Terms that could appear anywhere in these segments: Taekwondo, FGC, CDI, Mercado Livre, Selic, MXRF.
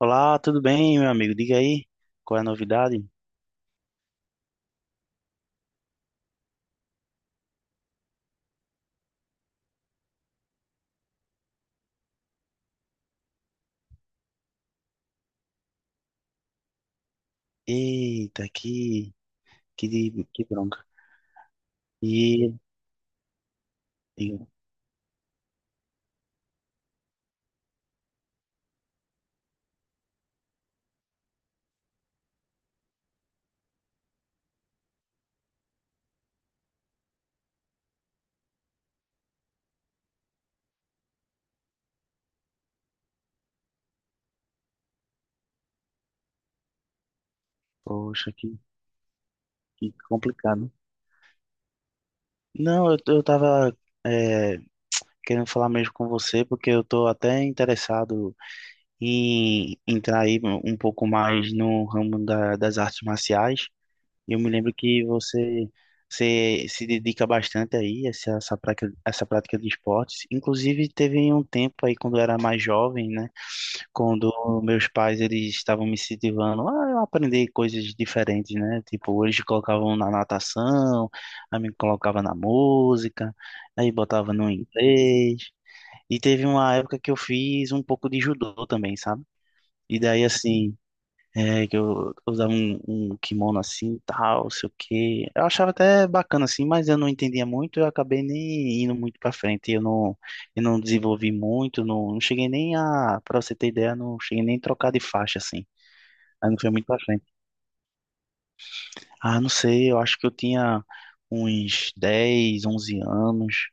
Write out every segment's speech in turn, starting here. Olá, tudo bem, meu amigo? Diga aí, qual é a novidade? Eita, que, que bronca. E, e, poxa, que complicado. Não, eu tava é, querendo falar mesmo com você, porque eu tô até interessado em entrar aí um pouco mais no ramo das artes marciais. E eu me lembro que você se dedica bastante aí a essa prática de esportes. Inclusive, teve um tempo aí, quando eu era mais jovem, né? Quando meus pais eles estavam me incentivando ah, eu aprendi coisas diferentes, né? Tipo, eles colocavam na natação, aí me colocava na música, aí botava no inglês. E teve uma época que eu fiz um pouco de judô também, sabe? E daí assim, que eu usava um kimono assim, tal, sei o quê. Eu achava até bacana assim, mas eu não entendia muito, eu acabei nem indo muito pra frente. Eu não desenvolvi muito, não, não cheguei nem a, pra você ter ideia, não cheguei nem a trocar de faixa assim. Aí não foi muito pra frente. Ah, não sei, eu acho que eu tinha uns 10, 11 anos.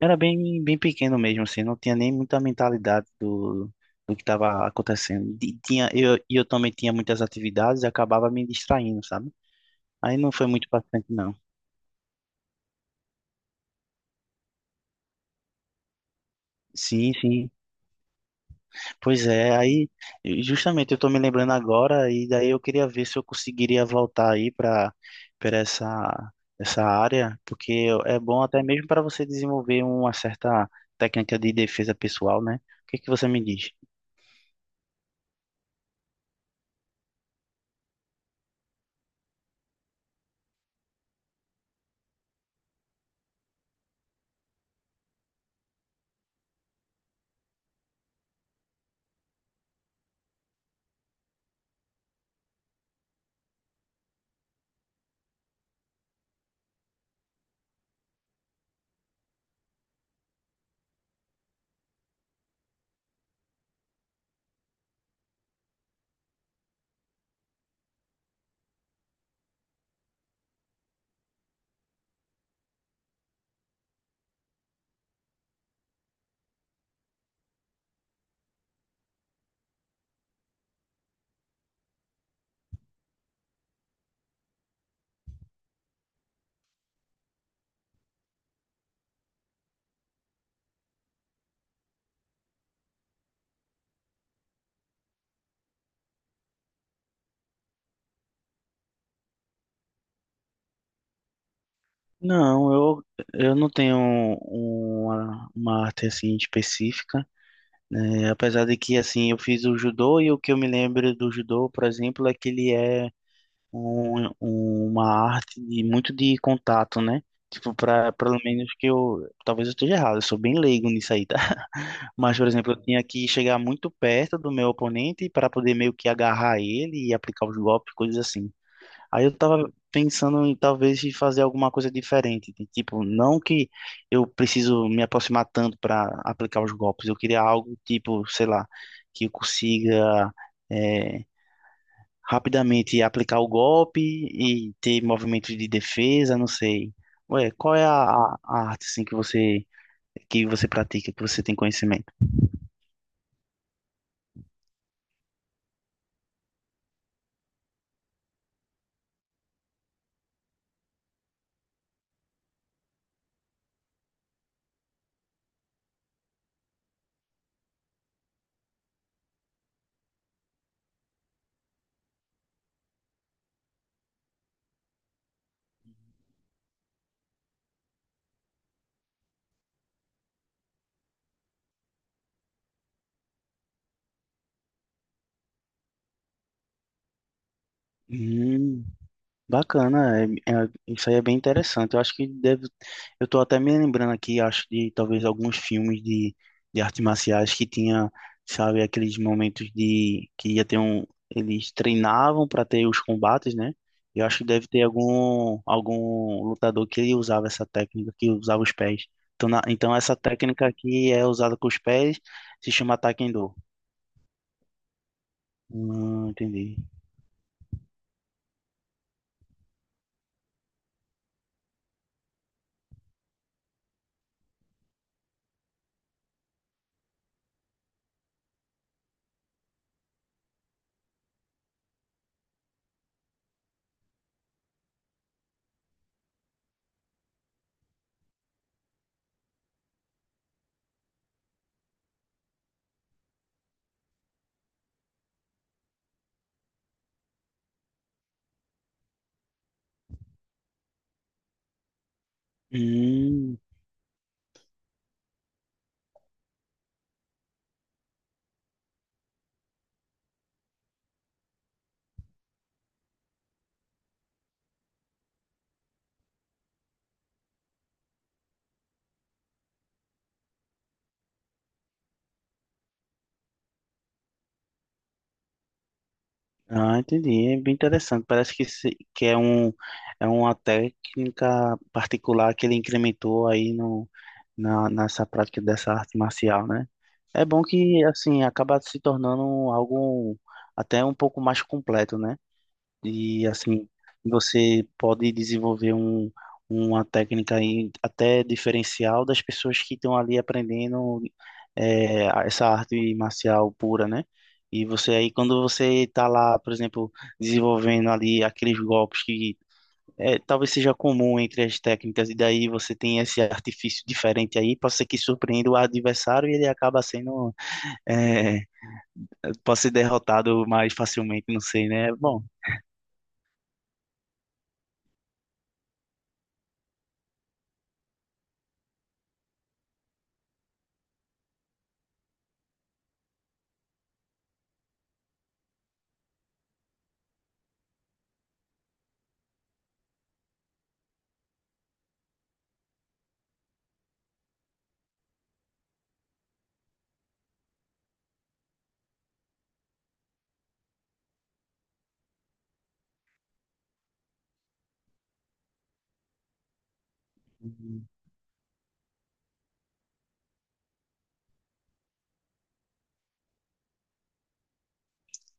Bem pequeno mesmo, assim, não tinha nem muita mentalidade do que estava acontecendo. E e eu também tinha muitas atividades e acabava me distraindo, sabe? Aí não foi muito paciente, não. Sim, sim. Pois é, aí justamente eu tô me lembrando agora e daí eu queria ver se eu conseguiria voltar aí para essa essa área, porque é bom até mesmo para você desenvolver uma certa técnica de defesa pessoal, né? O que que você me diz? Não, eu não tenho uma arte assim específica, né? Apesar de que assim eu fiz o judô e o que eu me lembro do judô, por exemplo, é que ele é um- uma arte de- muito de contato, né? Tipo, pra, pelo menos que eu. Talvez eu esteja errado, eu sou bem leigo nisso aí, tá? Mas, por exemplo, eu tinha que chegar muito perto do meu oponente para poder meio que agarrar ele e aplicar os golpes, coisas assim. Aí eu tava pensando em talvez em fazer alguma coisa diferente. De tipo, não que eu preciso me aproximar tanto para aplicar os golpes. Eu queria algo tipo, sei lá, que eu consiga. eh, Rapidamente aplicar o golpe e ter movimentos de defesa, não sei. Ué, qual é a arte assim que você pratica, que você tem conhecimento? Hum. Bacana, é- isso aí é bem interessante. Eu acho que deve. Eu tô até me lembrando aqui, acho, de talvez alguns filmes de artes marciais que tinha, sabe, aqueles momentos de que ia ter um. Eles treinavam para ter os combates, né? Eu acho que deve ter algum lutador que ele usava essa técnica, que usava os pés. Então, então essa técnica aqui é usada com os pés, se chama Taekwondo. Entendi. Hum, Ah, entendi. É bem interessante. Parece que, se- que é um, é uma técnica particular que ele incrementou aí no, na, nessa prática dessa arte marcial, né? É bom que, assim, acaba se tornando algo até um pouco mais completo, né? E assim, você pode desenvolver um, uma técnica aí até diferencial das pessoas que estão ali aprendendo essa arte marcial pura, né? E você aí, quando você está lá, por exemplo, desenvolvendo ali aqueles golpes que talvez seja comum entre as técnicas, e daí você tem esse artifício diferente aí, pode ser que surpreenda o adversário e ele acaba sendo, é, pode ser derrotado mais facilmente, não sei, né? Bom,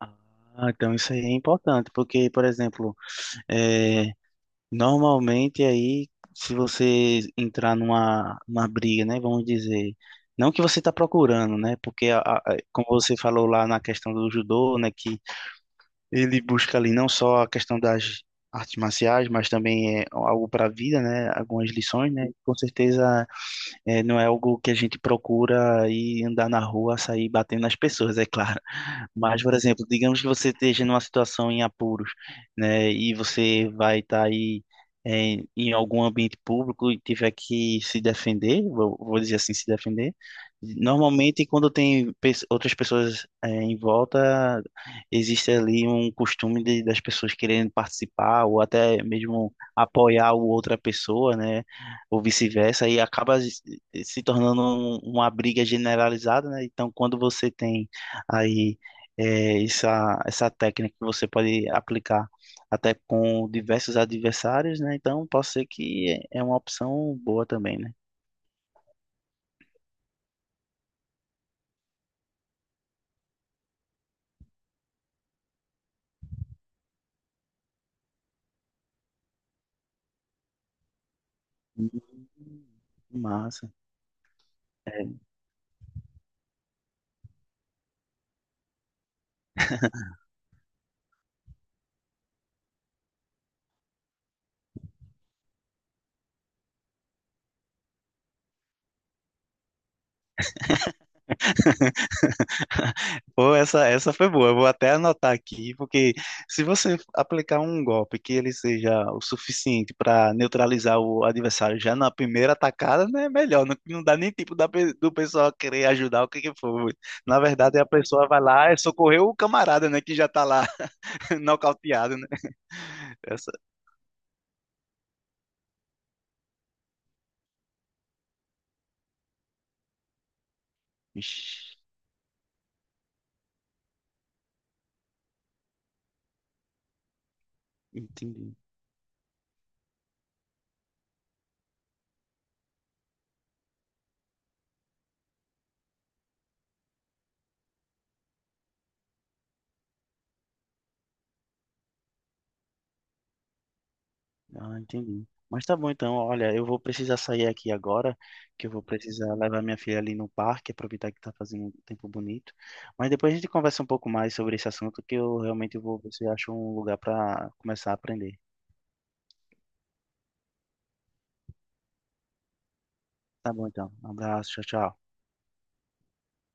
ah, então isso aí é importante, porque, por exemplo, é, normalmente aí, se você entrar numa briga, né, vamos dizer, não que você está procurando, né, porque, como você falou lá na questão do judô, né, que ele busca ali não só a questão das artes marciais, mas também é algo para a vida, né, algumas lições, né, com certeza não é algo que a gente procura e andar na rua, sair batendo nas pessoas, é claro. Mas, por exemplo, digamos que você esteja numa situação em apuros, né, e você vai estar aí em algum ambiente público e tiver que se defender, vou dizer assim, se defender. Normalmente, quando tem outras pessoas em volta, existe ali um costume de- das pessoas querendo participar ou até mesmo apoiar o outra pessoa, né? Ou vice-versa, e acaba se tornando um- uma briga generalizada, né? Então, quando você tem aí essa técnica que você pode aplicar até com diversos adversários, né? Então, pode ser que é uma opção boa também, né? Hum, massa. Pô, essa foi boa. Eu vou até anotar aqui, porque se você aplicar um golpe que ele seja o suficiente para neutralizar o adversário já na primeira atacada, né? É melhor. Não, não dá nem tempo do pessoal querer ajudar o que que for. Na verdade, a pessoa vai lá e socorreu o camarada, né? Que já tá lá nocauteado, né? Essa. Ixi, entendi. Ah, entendi. Mas tá bom então, olha, eu vou precisar sair aqui agora, que eu vou precisar levar minha filha ali no parque, aproveitar que tá fazendo um tempo bonito. Mas depois a gente conversa um pouco mais sobre esse assunto, que eu realmente vou ver se eu acho um lugar para começar a aprender. Tá bom então. Um abraço, tchau, tchau.